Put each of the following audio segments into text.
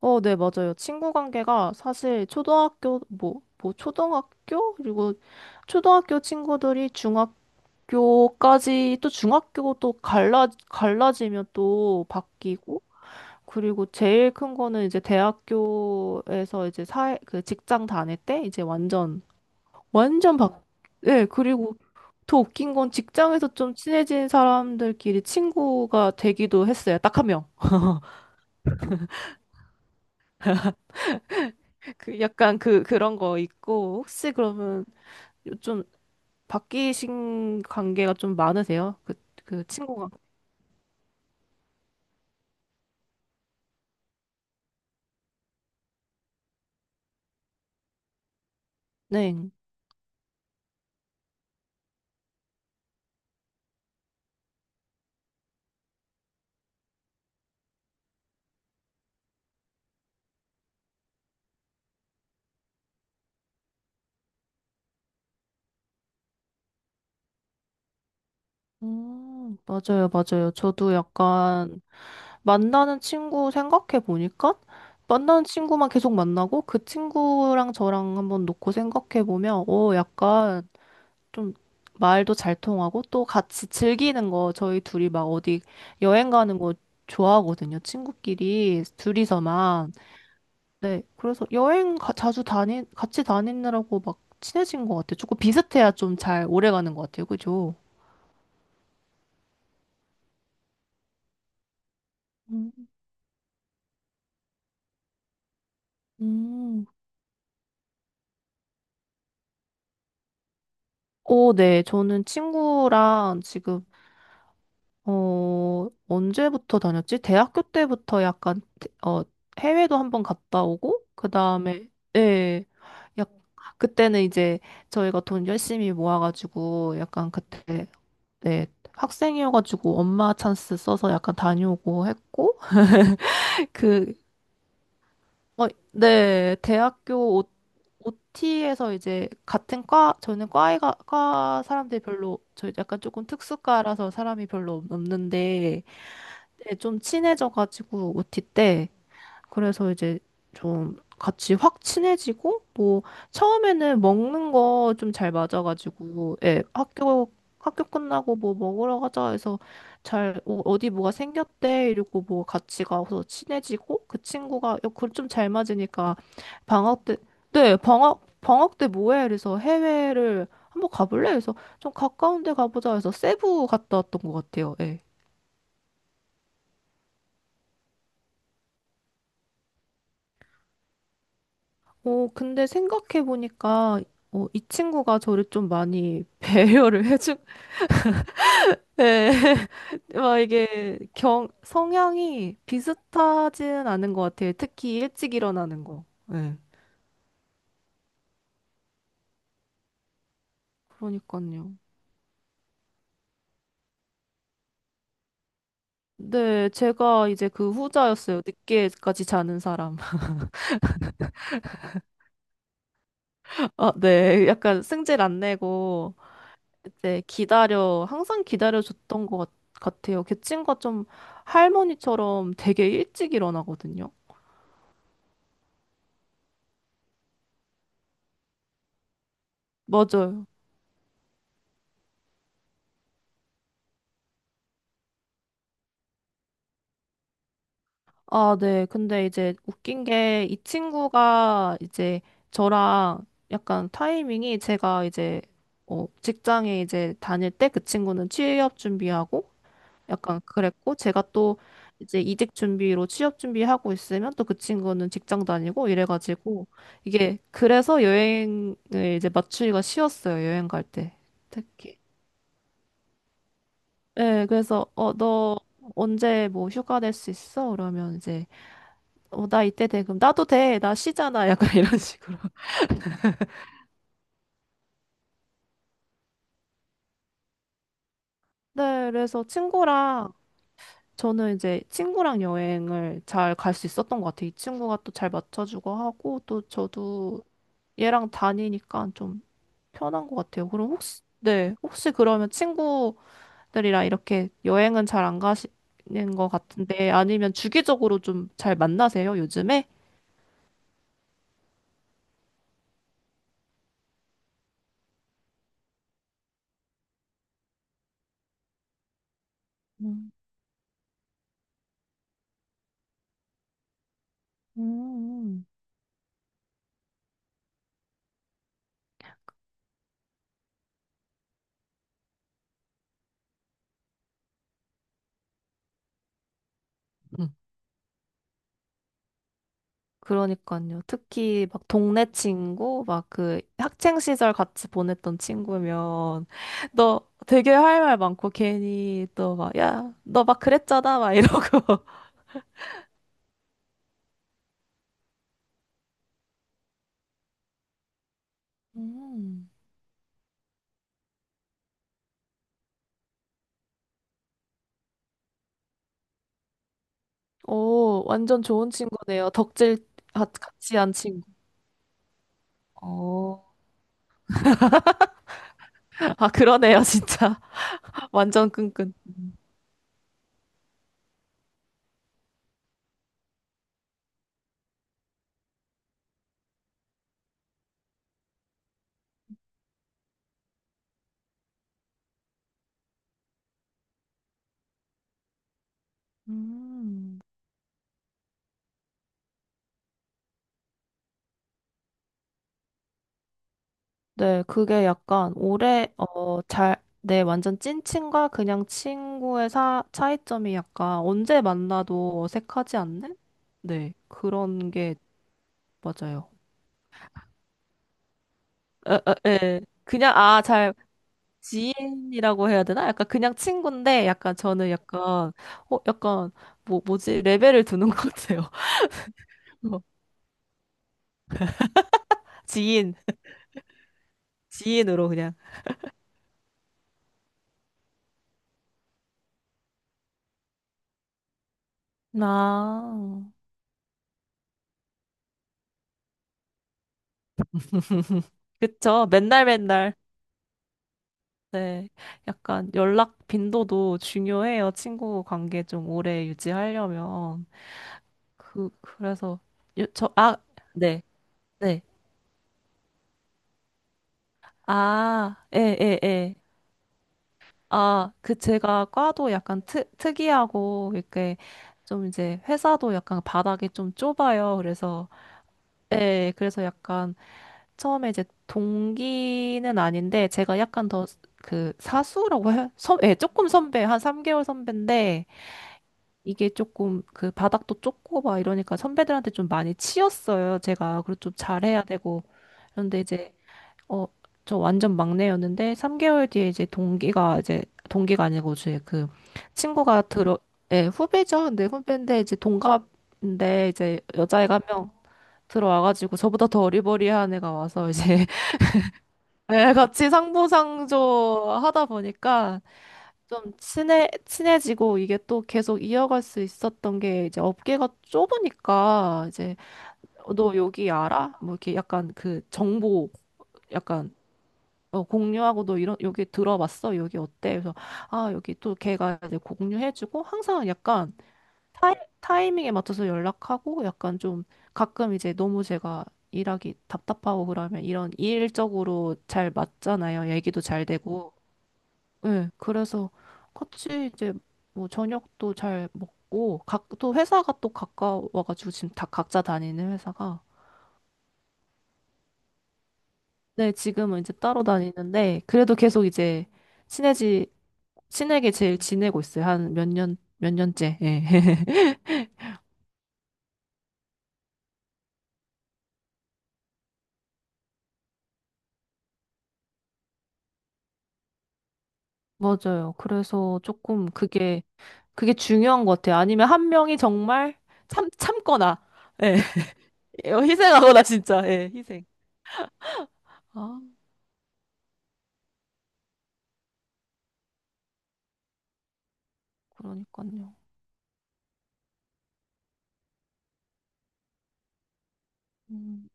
맞아요. 친구 관계가 사실 초등학교, 초등학교? 그리고 초등학교 친구들이 중학교까지 또 중학교 또 갈라지면 또 바뀌고, 그리고 제일 큰 거는 이제 대학교에서 이제 사회, 그 직장 다닐 때 이제 완전, 완전 바, 예, 그리고 더 웃긴 건 직장에서 좀 친해진 사람들끼리 친구가 되기도 했어요. 딱 한 명. 그 약간 그 그런 거 있고 혹시 그러면 요즘 바뀌신 관계가 좀 많으세요? 그, 그 친구가. 네. 맞아요, 맞아요. 저도 약간 만나는 친구 생각해 보니까 만나는 친구만 계속 만나고 그 친구랑 저랑 한번 놓고 생각해 보면 오, 약간 좀 말도 잘 통하고 또 같이 즐기는 거 저희 둘이 막 어디 여행 가는 거 좋아하거든요. 친구끼리 둘이서만. 네, 그래서 자주 같이 다니느라고 막 친해진 것 같아요. 조금 비슷해야 좀 잘 오래 가는 것 같아요. 그죠? 음. 음. 오, 네. 저는 친구랑 지금, 언제부터 다녔지? 대학교 때부터 약간, 태- 어, 해외도 한 번 갔다 오고, 그 다음에, 예. 약, 그때는 이제 저희가 돈 열심히 모아가지고, 약간 그때, 네. 학생이어가지고 엄마 찬스 써서 약간 다녀오고 했고, 그 어, 네, 대학교 오, OT에서 이제 같은 과, 저는 과에가, 과 사람들이 별로, 저 약간 조금 특수과라서 사람이 별로 없는데, 네, 좀 친해져가지고 OT 때, 그래서 이제 좀 같이 확 친해지고, 뭐, 처음에는 먹는 거 좀 잘 맞아가지고, 예, 학교, 학교 끝나고 뭐 먹으러 가자 해서 잘, 어, 어디 뭐가 생겼대 이러고 뭐 같이 가서 친해지고, 그 친구가, 그좀 잘 맞으니까 방학 때, 네, 방학 때 뭐해? 그래서 해외를 한번 가볼래? 그래서 좀 가까운 데 가보자 해서 세부 갔다 왔던 것 같아요. 예. 어, 근데 생각해보니까, 어, 이 친구가 저를 좀 많이 배려를 해준, 네. 막 이게 경, 성향이 비슷하진 않은 것 같아요. 특히 일찍 일어나는 거. 네. 그러니까요. 네, 제가 이제 그 후자였어요. 늦게까지 자는 사람. 아, 네. 약간 승질 안 내고, 이제 기다려, 항상 기다려줬던 것 같아요. 걔 친구가 좀 할머니처럼 되게 일찍 일어나거든요. 맞아요. 아, 네. 근데 이제 웃긴 게 이 친구가 이제 저랑 약간 타이밍이 제가 이제 직장에 이제 다닐 때 그 친구는 취업 준비하고 약간 그랬고 제가 또 이제 이직 준비로 취업 준비하고 있으면 또 그 친구는 직장 다니고 이래가지고 이게 그래서 여행을 이제 맞추기가 쉬웠어요. 여행 갈 때. 특히. 네. 그래서 어, 너 언제 뭐 휴가 낼 수 있어? 그러면 이제 어, 나 이때 돼. 그럼 나도 돼. 나 쉬잖아. 약간 이런 식으로. 네, 그래서 친구랑, 저는 이제 친구랑 여행을 잘 갈 수 있었던 것 같아요. 이 친구가 또 잘 맞춰주고 하고, 또 저도 얘랑 다니니까 좀 편한 것 같아요. 그럼 혹시, 네, 혹시 그러면 친구들이랑 이렇게 여행은 잘 안 가시는 것 같은데, 아니면 주기적으로 좀 잘 만나세요, 요즘에? 음. 음. 그러니까요. 특히 막 동네 친구, 막 그 학창 시절 같이 보냈던 친구면 너 되게 할 말 많고 괜히 또 막 야, 너 막 그랬잖아 막 이러고. 음. 오, 완전 좋은 친구네요. 덕질 같이 한 친구. 어. 아, 그러네요, 진짜. 완전 끈끈. 음. 네, 그게 약간 올해, 어, 잘, 네, 완전 찐친과 그냥 친구의 사, 차이점이 약간 언제 만나도 어색하지 않는? 네, 그런 게 맞아요. 에, 에, 에. 그냥, 아, 잘, 지인이라고 해야 되나? 약간 그냥 친구인데, 약간 저는 약간, 어, 약간, 뭐지? 레벨을 두는 것 같아요. 어, 지인, 지인으로 그냥. 아, 그쵸. 맨날 맨날. 네, 약간 연락 빈도도 중요해요. 친구 관계 좀 오래 유지하려면. 그, 그래서, 요, 저, 아, 네, 네. 아, 예, 예, 예. 아, 그 제가 과도 약간 특, 특이하고, 이렇게 좀 이제 회사도 약간 바닥이 좀 좁아요. 그래서, 예, 그래서 약간 처음에 이제 동기는 아닌데, 제가 약간 더 그 사수라고 해요? 선, 예, 조금 선배, 한 3개월 선배인데, 이게 조금 그 바닥도 좁고 막 이러니까 선배들한테 좀 많이 치였어요. 제가 그리고 좀 잘해야 되고 그런데 이제 어 저 완전 막내였는데 3개월 뒤에 이제 동기가 이제 동기가 아니고 이제 그 친구가 들어 예 후배죠. 근데 후배인데 이제 동갑인데 이제 여자애가 한 명 들어와가지고 저보다 더 어리버리한 애가 와서 이제 예, 같이 상부상조 하다 보니까 좀 친해지고 이게 또 계속 이어갈 수 있었던 게 이제 업계가 좁으니까 이제 어, 너 여기 알아? 뭐 이렇게 약간 그 정보 약간 어, 공유하고 너 이런 여기 들어봤어? 여기 어때? 그래서 아 여기 또 걔가 이제 공유해주고 항상 약간 타이, 타이밍에 맞춰서 연락하고 약간 좀 가끔 이제 너무 제가 일하기 답답하고 그러면 이런 일적으로 잘 맞잖아요. 얘기도 잘 되고. 네, 그래서 같이 이제 뭐 저녁도 잘 먹고 각 또 회사가 또 가까워가지고 지금 다 각자 다니는 회사가 네 지금은 이제 따로 다니는데 그래도 계속 이제 친해지 친하게 제일 지내고 있어요. 한 몇 년 몇 년째 예. 맞아요. 그래서 조금 그게 그게 중요한 것 같아요. 아니면 한 명이 정말 참 참거나 예. 희생하거나 진짜 예 희생. 아, 그러니까요. 음,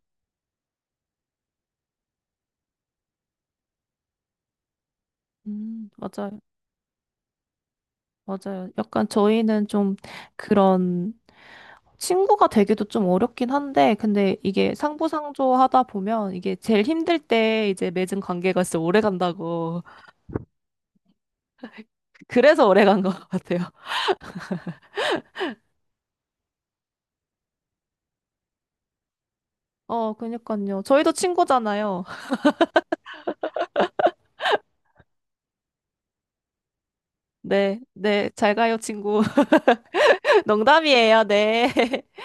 음. 맞아요. 약간 저희는 좀 그런 친구가 되기도 좀 어렵긴 한데, 근데 이게 상부상조 하다 보면 이게 제일 힘들 때 이제 맺은 관계가 진짜 오래 간다고. 그래서 오래 간 것 같아요. 어, 그니까요. 저희도 친구잖아요. 네, 네, 잘 가요, 친구. 농담이에요, 네.